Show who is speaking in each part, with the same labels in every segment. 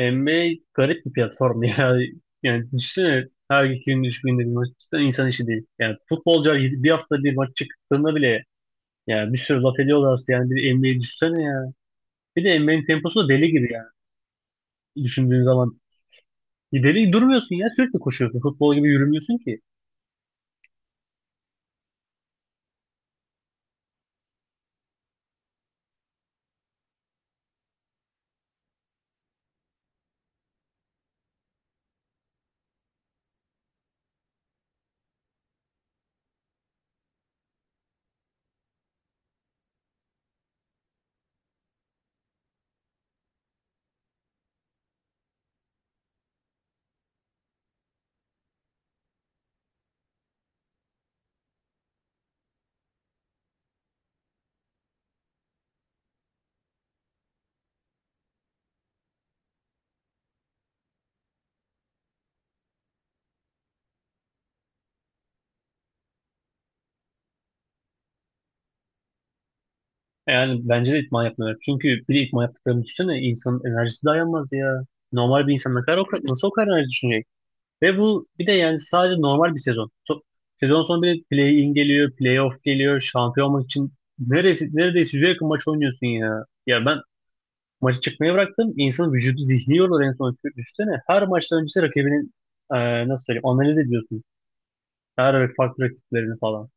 Speaker 1: NBA garip bir platform ya. Yani düşünsene her iki gün, üç günde bir maç. Cidden insan işi değil. Yani futbolcular bir hafta bir maç çıktığında bile yani bir sürü laf ediyorlarsa yani bir NBA'yi düşünsene ya. Bir de NBA'nin temposu da deli gibi yani düşündüğün zaman. Bir deli durmuyorsun ya sürekli koşuyorsun. Futbol gibi yürümüyorsun ki. Yani bence de idman yapmıyorlar. Çünkü bir de idman yaptıklarını düşünsene insanın enerjisi dayanmaz ya. Normal bir insan ne kadar nasıl o kadar enerji düşünecek? Ve bu bir de yani sadece normal bir sezon. Sezon sonu bir de play-in geliyor, play-off geliyor, şampiyonluk için neredeyse yüze yakın maç oynuyorsun ya. Ya ben maçı çıkmayı bıraktım. İnsanın vücudu zihni yorulur en son üstüne. Her maçtan öncesi rakibinin nasıl söyleyeyim analiz ediyorsun. Her farklı rakiplerini falan.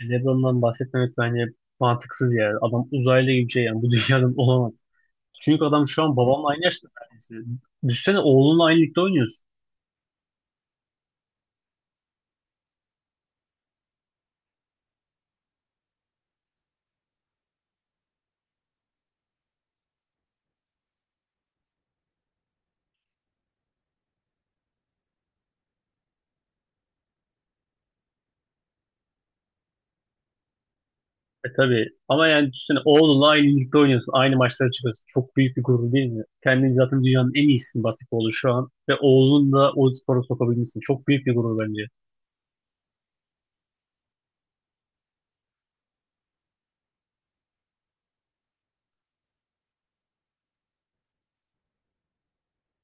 Speaker 1: LeBron'dan bahsetmemek bence mantıksız ya. Adam uzaylı gibi bir şey yani bu dünyadan olamaz. Çünkü adam şu an babamla aynı yaşta neredeyse. Düşsene oğlunla aynı ligde oynuyorsun. E tabii. Ama yani düşünsene oğlunla aynı ligde oynuyorsun. Aynı maçlara çıkıyorsun. Çok büyük bir gurur değil mi? Kendini zaten dünyanın en iyisi basketbolu şu an. Ve oğlunu da o spora sokabilmişsin. Çok büyük bir gurur bence.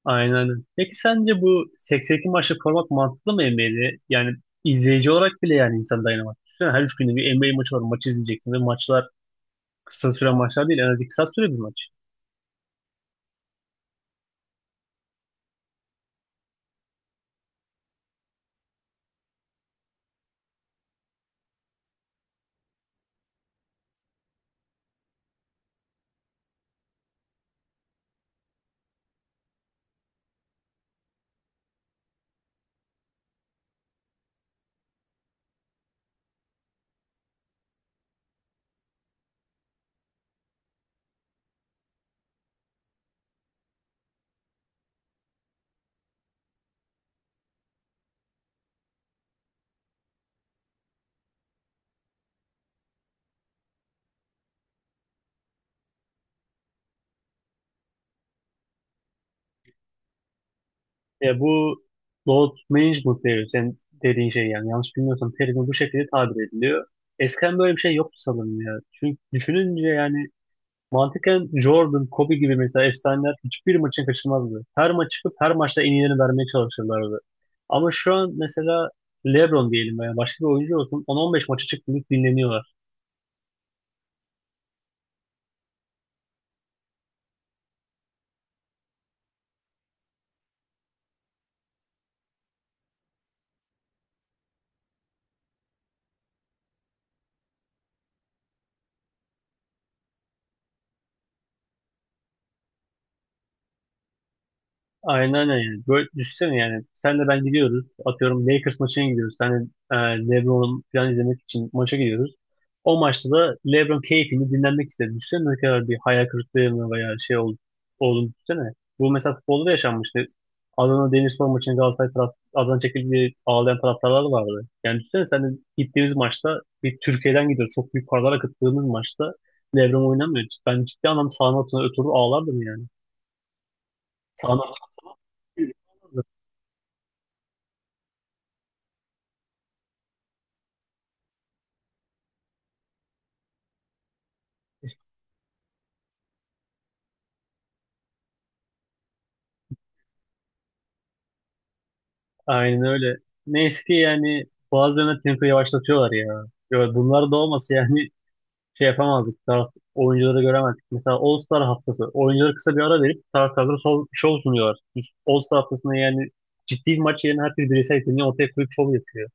Speaker 1: Aynen öyle. Peki sence bu 82 maçlık format mantıklı mı NBA'de? Yani izleyici olarak bile yani insan dayanamaz. Düşünsene her üç günde bir NBA maçı var. Maçı izleyeceksin ve maçlar kısa süren maçlar değil. En az iki saat süre bir maç. Bu load management diyor sen dediğin şey yani yanlış bilmiyorsam terimi bu şekilde tabir ediliyor. Eskiden böyle bir şey yoktu sanırım ya. Çünkü düşününce yani mantıken Jordan, Kobe gibi mesela efsaneler hiçbir maçın kaçırmazdı. Her maç çıkıp her maçta en iyilerini vermeye çalışırlardı. Ama şu an mesela LeBron diyelim veya başka bir oyuncu olsun on on beş maçı çıktı dinleniyorlar. Aynen öyle. Böyle düşünsene yani. Sen de ben gidiyoruz. Atıyorum Lakers maçına gidiyoruz. Sen de LeBron'u falan izlemek için maça gidiyoruz. O maçta da LeBron keyfini dinlenmek istedi. Düşünsene ne kadar bir hayal kırıklığına veya olduğunu düşünsene. Bu mesela futbolda da yaşanmıştı. Adana Demirspor maçında Adana çekildiği ağlayan taraftarlar vardı. Yani düşünsene sen de gittiğimiz maçta bir Türkiye'den gidiyoruz. Çok büyük paralar akıttığımız maçta LeBron oynamıyor. Ben ciddi anlamda sahanın altına ötürü ağlardım yani. Sahanın altına. Aynen öyle. Neyse ki yani bazen de tempo yavaşlatıyorlar ya. Ya bunlar da olmasa yani şey yapamazdık. Oyuncuları göremezdik. Mesela All Star haftası. Oyuncuları kısa bir ara verip taraftarlara şov sunuyorlar. Biz All Star haftasında yani ciddi bir maç yerine herkes bireysel yeteneğini ortaya koyup şov yapıyor.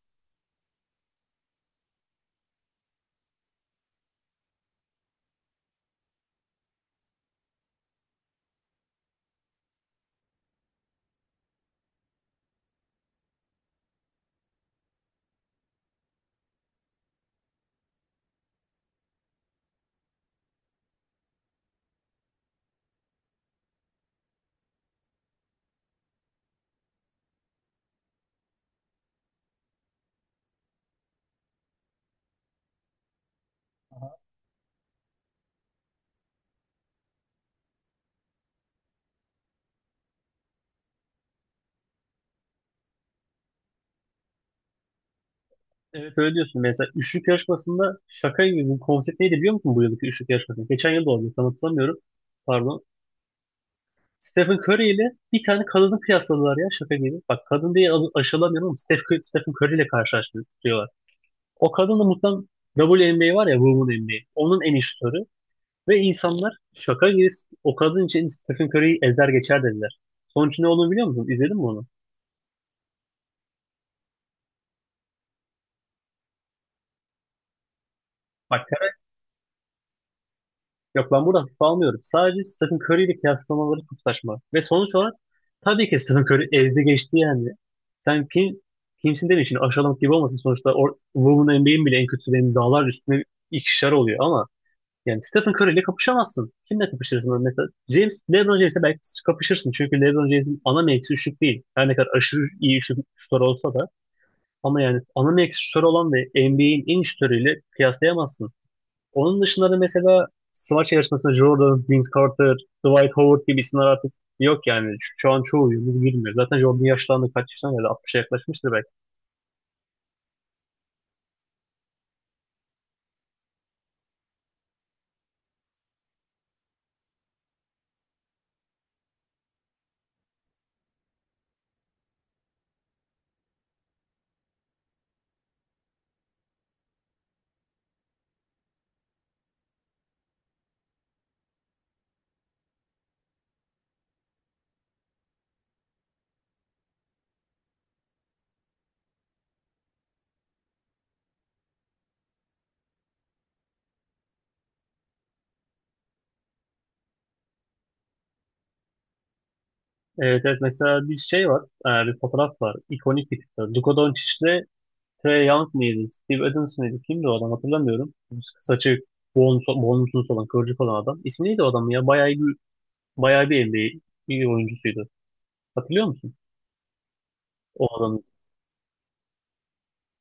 Speaker 1: Evet öyle diyorsun. Mesela üçlük yarışmasında şaka gibi bu konsept neydi biliyor musun bu yılki üçlük yarışmasında? Geçen yıl da oldu. Tam hatırlamıyorum. Pardon. Stephen Curry ile bir tane kadını kıyasladılar ya şaka gibi. Bak kadın diye aşılamıyorum ama Stephen Curry ile karşılaştırıyorlar. O kadın da mutlaka WNBA var ya Women NBA. Onun en iyi şutörü. Ve insanlar şaka gibi o kadın için Stephen Curry'yi ezer geçer dediler. Sonucu ne olduğunu biliyor musun? İzledin mi onu? Bak. Yok ben buradan hafif almıyorum. Sadece Stephen Curry ile kıyaslamaları çok saçma. Ve sonuç olarak tabii ki Stephen Curry ezdi geçti yani. Sen kim, kimsin demeyin şimdi aşağılamak gibi olmasın. Sonuçta Women NBA'in bile en kötülerinin dağlar üstüne ikişer oluyor ama yani Stephen Curry ile kapışamazsın. Kimle kapışırsın? Hani mesela James, LeBron James'le belki kapışırsın. Çünkü LeBron James'in ana mevkisi şut değil. Her ne kadar aşırı iyi şutör olsa da ama yani ana mevkisi şutör olan ve NBA'in en iyi şutörüyle kıyaslayamazsın. Onun dışında da mesela smaç yarışmasında Jordan, Vince Carter, Dwight Howard gibi isimler artık yok yani. Şu an çoğu yıldız bilmiyor. Zaten Jordan yaşlandı kaç yaşına geldi? 60'a yaklaşmıştır belki. Evet, evet mesela bir şey var. Bir fotoğraf var. İkonik bir fotoğraf. Luka Doncic'le Trae Young mıydı? Steve Adams mıydı? Kimdi o adam hatırlamıyorum. Saçı bonusuz olan, kıvırcık olan adam. İsmi neydi o adamın ya? Bayağı bir NBA iyi oyuncusuydu. Hatırlıyor musun? O adamın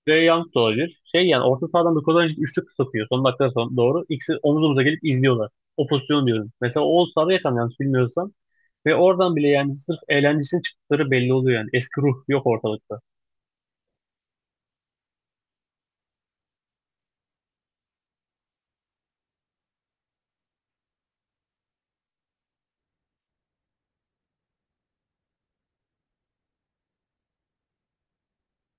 Speaker 1: Trae Young da olabilir. Şey yani orta sahadan Nikola Jokic üçlük sokuyor. Son dakika son doğru. İkisi omuz omuza gelip izliyorlar. O pozisyonu diyorum. Mesela o sahada yakan yanlış bilmiyorsam. Ve oradan bile yani sırf eğlencesinin çıktıkları belli oluyor yani. Eski ruh yok ortalıkta.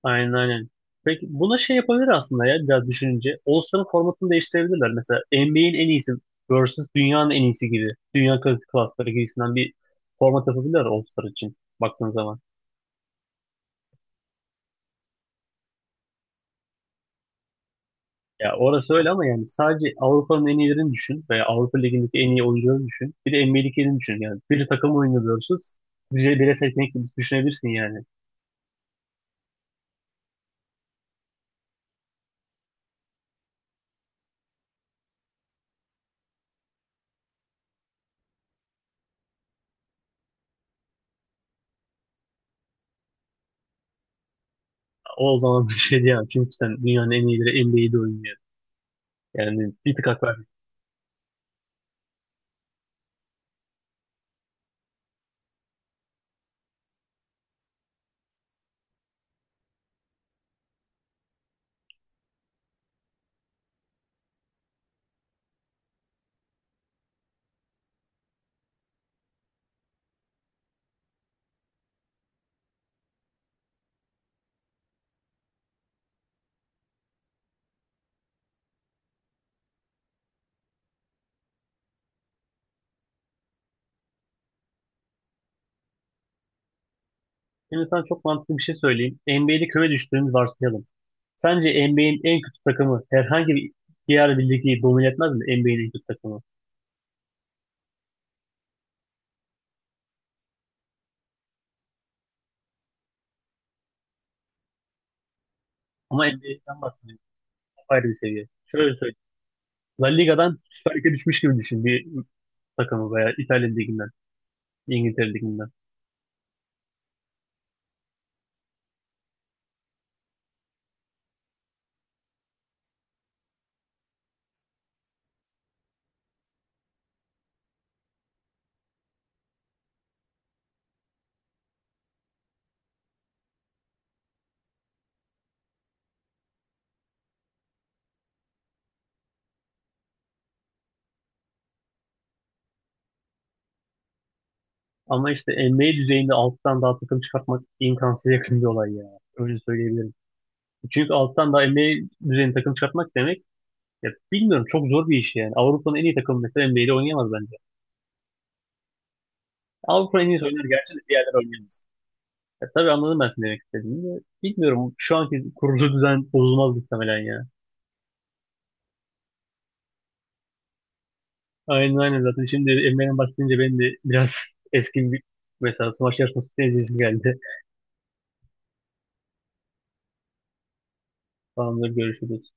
Speaker 1: Aynen, aynen. Peki buna şey yapabilir aslında ya biraz düşününce. All-Star'ın formatını değiştirebilirler. Mesela NBA'in en iyisi versus dünyanın en iyisi gibi. Dünya klasları gibisinden bir format yapabilirler All-Star için baktığın zaman. Ya orası öyle ama yani sadece Avrupa'nın en iyilerini düşün veya Avrupa Ligi'ndeki en iyi oyuncuları düşün. Bir de NBA'dekilerini düşün. Yani bir takım oyunu diyorsunuz. Bire seçenek gibi düşünebilirsin yani. O zaman bir şey diyemem. Çünkü sen dünyanın en iyileri NBA'de oynuyor. Yani bir tık hak verdim. Şimdi sana çok mantıklı bir şey söyleyeyim. NBA'de küme düştüğünü varsayalım. Sence NBA'in en kötü takımı herhangi bir diğer bir ligi domine etmez mi? NBA'in en kötü takımı. Ama NBA'den bahsediyorum. Ayrı bir seviye. Şöyle söyleyeyim. La Liga'dan Süper Lig'e düşmüş gibi düşün. Bir takımı veya İtalya liginden, İngiltere liginden. Ama işte NBA düzeyinde alttan daha takım çıkartmak imkansıza yakın bir olay ya. Öyle söyleyebilirim. Çünkü alttan daha NBA düzeyinde takım çıkartmak demek ya bilmiyorum çok zor bir iş yani. Avrupa'nın en iyi takımı mesela NBA'de oynayamaz bence. Avrupa'nın en iyi oynar gerçi de bir yerler oynayamaz. Ya, tabii anladım ben seni demek istediğini de. Bilmiyorum şu anki kurulu düzen bozulmaz muhtemelen ya. Aynen, aynen, zaten şimdi NBA'den bahsedince benim de biraz eski bir mesela smaç yarışması izleyesim geldi. Tamamdır, görüşürüz.